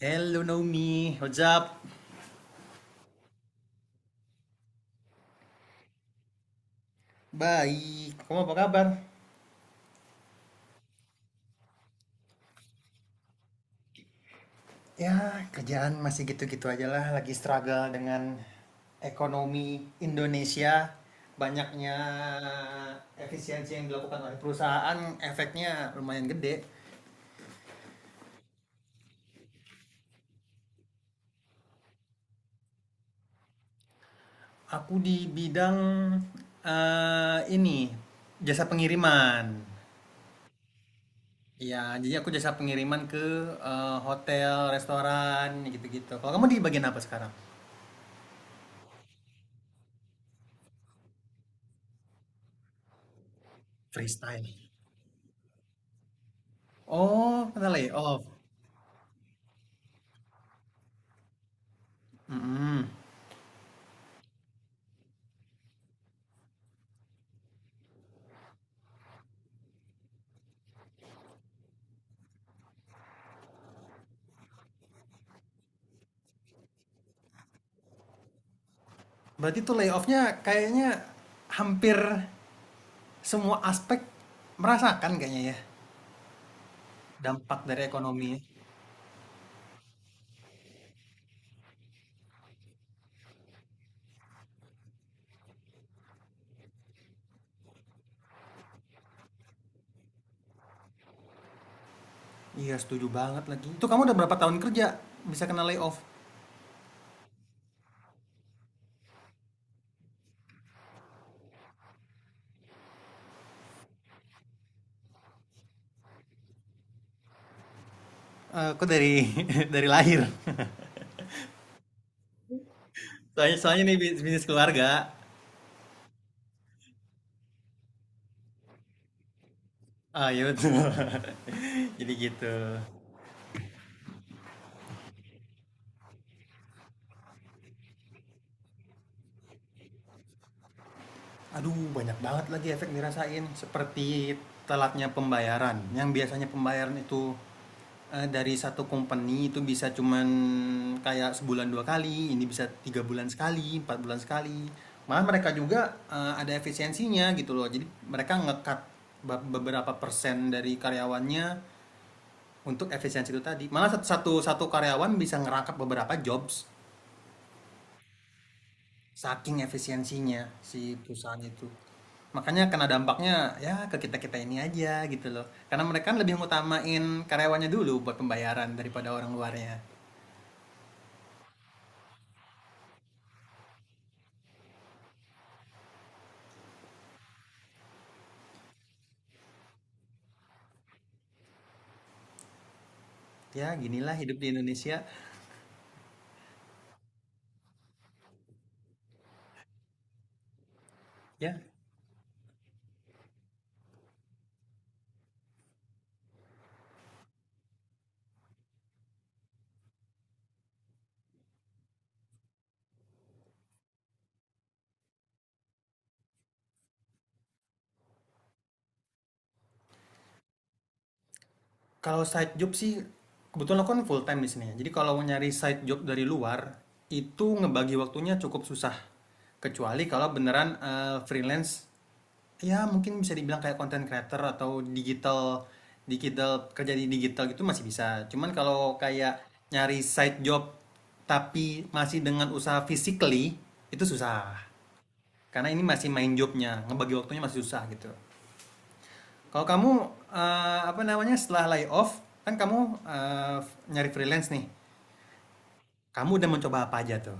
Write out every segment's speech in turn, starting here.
Hello Naomi, what's up? Baik, kamu apa kabar? Ya, kerjaan masih gitu-gitu aja lah, lagi struggle dengan ekonomi Indonesia. Banyaknya efisiensi yang dilakukan oleh perusahaan, efeknya lumayan gede. Aku di bidang ini jasa pengiriman. Ya, jadi aku jasa pengiriman ke hotel, restoran, gitu-gitu. Kalau kamu di bagian apa sekarang? Freestyle. Oh, kena layoff. Mm-mm. Berarti tuh layoffnya kayaknya hampir semua aspek merasakan kayaknya ya dampak dari ekonomi, ya. Iya, setuju banget lagi. Itu kamu udah berapa tahun kerja bisa kena layoff? Eh, kok dari dari lahir? Soalnya nih bisnis keluarga. Ah, iya betul. Jadi gitu. Aduh, banyak banget lagi efek dirasain. Seperti telatnya pembayaran. Yang biasanya pembayaran itu dari satu company itu bisa cuman kayak sebulan dua kali, ini bisa tiga bulan sekali, empat bulan sekali. Malah mereka juga ada efisiensinya gitu loh. Jadi mereka ngekat beberapa persen dari karyawannya untuk efisiensi itu tadi. Malah satu satu karyawan bisa ngerangkap beberapa jobs. Saking efisiensinya si perusahaan itu. Makanya kena dampaknya ya ke kita-kita ini aja gitu loh. Karena mereka kan lebih ngutamain karyawannya dulu buat pembayaran daripada orang luarnya. Ya, ginilah hidup di Indonesia. Ya, kalau side job sih kebetulan aku kan full time di sini, ya. Jadi kalau mau nyari side job dari luar itu ngebagi waktunya cukup susah. Kecuali kalau beneran freelance. Ya mungkin bisa dibilang kayak content creator atau digital digital kerja di digital gitu masih bisa. Cuman kalau kayak nyari side job tapi masih dengan usaha physically itu susah. Karena ini masih main jobnya, ngebagi waktunya masih susah gitu. Kalau kamu apa namanya setelah layoff kan kamu, eh, nyari freelance nih. Kamu udah mencoba apa aja tuh?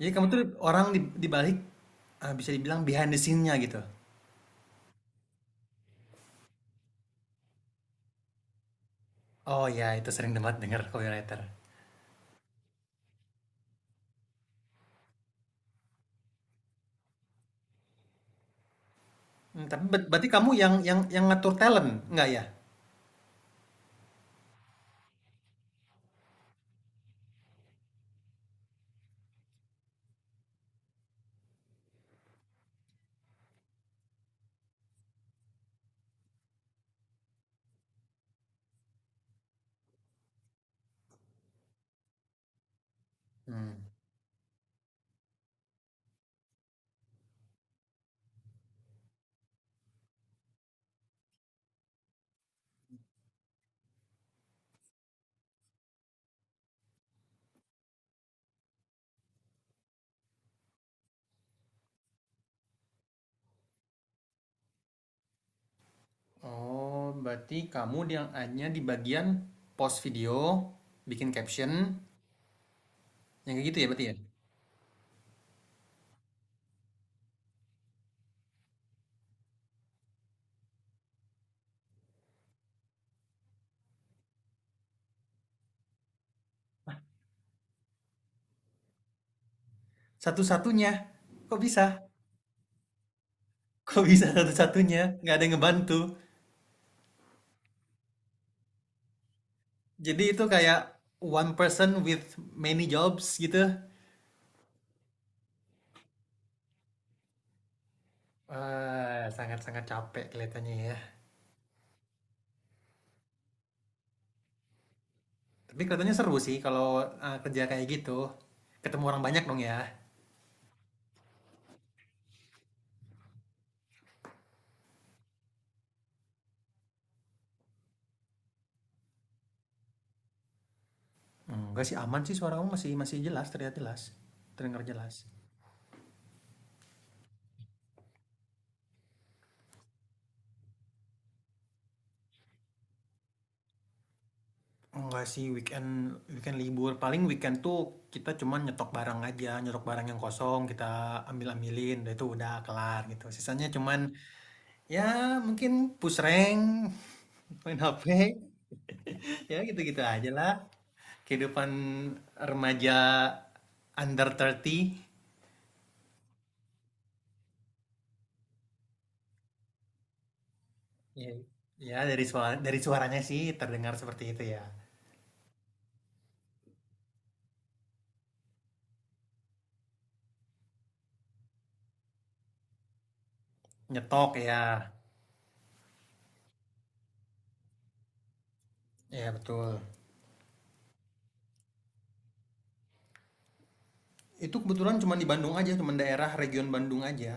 Jadi kamu tuh orang di balik, bisa dibilang behind the scene-nya gitu. Oh ya, itu sering banget denger copywriter. Mmm, tapi berarti kamu yang yang ngatur talent, enggak ya? Mmm, oh berarti kamu yang hanya di bagian post video, bikin caption, yang kayak gitu ya berarti ya? Satu-satunya? Kok bisa? Kok bisa satu-satunya? Nggak ada yang ngebantu? Jadi itu kayak one person with many jobs gitu? Wah, sangat-sangat capek kelihatannya ya. Tapi kelihatannya seru sih kalau, kerja kayak gitu. Ketemu orang banyak dong ya? Enggak sih, aman sih, suara kamu masih masih jelas, terlihat jelas, terdengar jelas. Enggak sih, weekend weekend libur, paling weekend tuh kita cuman nyetok barang aja, nyetok barang yang kosong kita ambilin, udah itu udah kelar gitu, sisanya cuman ya mungkin push rank, main HP. Ya gitu gitu aja lah, kehidupan remaja under 30. Ya, ya dari suara, dari suaranya sih terdengar seperti itu ya. Nyetok ya. Ya betul. Itu kebetulan cuma di Bandung aja, cuma daerah region Bandung aja.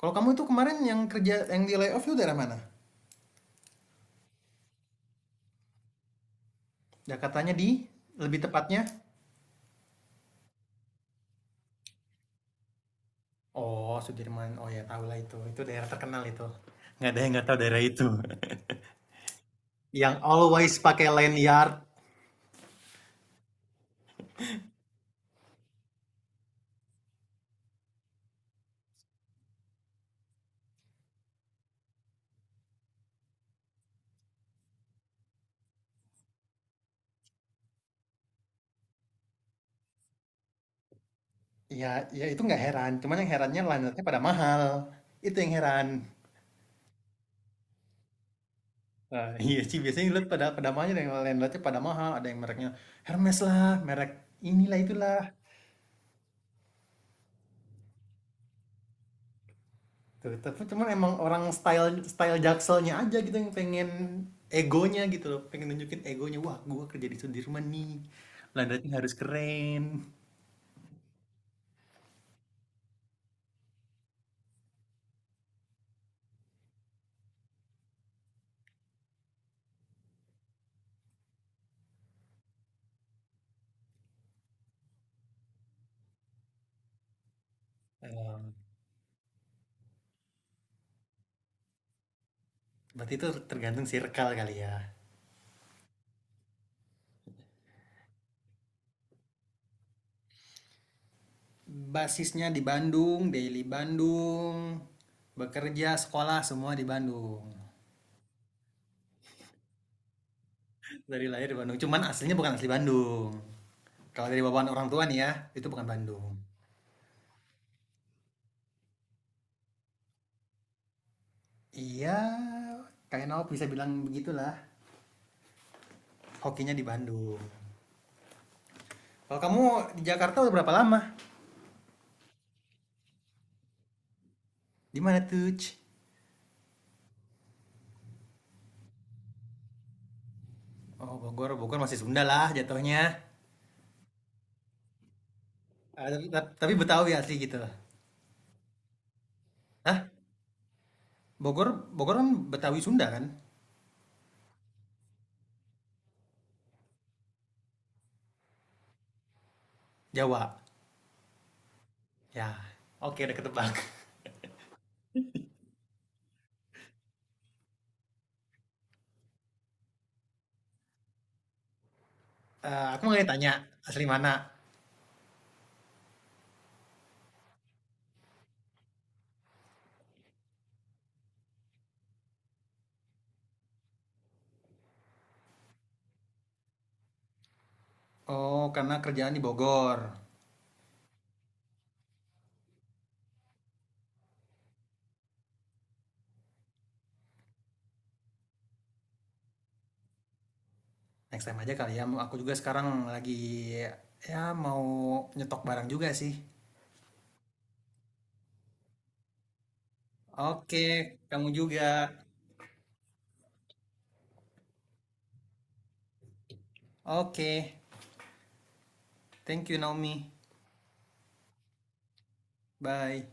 Kalau kamu itu kemarin yang kerja yang di layoff itu daerah mana? Jakartanya di lebih tepatnya? Oh, Sudirman. Oh ya, tahu lah itu. Itu daerah terkenal itu. Nggak ada yang nggak tahu daerah itu. Yang always pakai lanyard. Ya, ya itu nggak heran. Cuman yang herannya lanyardnya pada mahal. Itu yang heran. Nah, iya sih, biasanya lihat pada pada mahal, yang landlordnya pada mahal, ada yang mereknya Hermes lah, merek inilah itulah. Tuh, tapi cuman emang orang style style jakselnya aja gitu yang pengen egonya gitu loh, pengen nunjukin egonya, wah gua kerja di Sudirman nih, landratnya harus keren. Em, berarti itu tergantung circle kali ya. Basisnya di Bandung, daily Bandung, bekerja, sekolah semua di Bandung. Dari lahir di Bandung cuman aslinya bukan asli Bandung. Kalau dari bawaan orang tua nih ya, itu bukan Bandung. Iya, kayaknya bisa bilang begitulah, hokinya di Bandung. Kalau kamu di Jakarta udah berapa lama? Di mana tuh? Oh Bogor, Bogor masih Sunda lah jatuhnya. Ah, tapi Betawi asli gitu. Hah? Bogor, Bogor kan Betawi Sunda kan? Jawa. Ya. Oke, udah ketebak. Eh, aku mau tanya, asli mana? Oh, karena kerjaan di Bogor. Next time aja kali ya. Aku juga sekarang lagi ya mau nyetok barang juga sih. Oke, kamu juga. Oke. Thank you Naomi. Bye.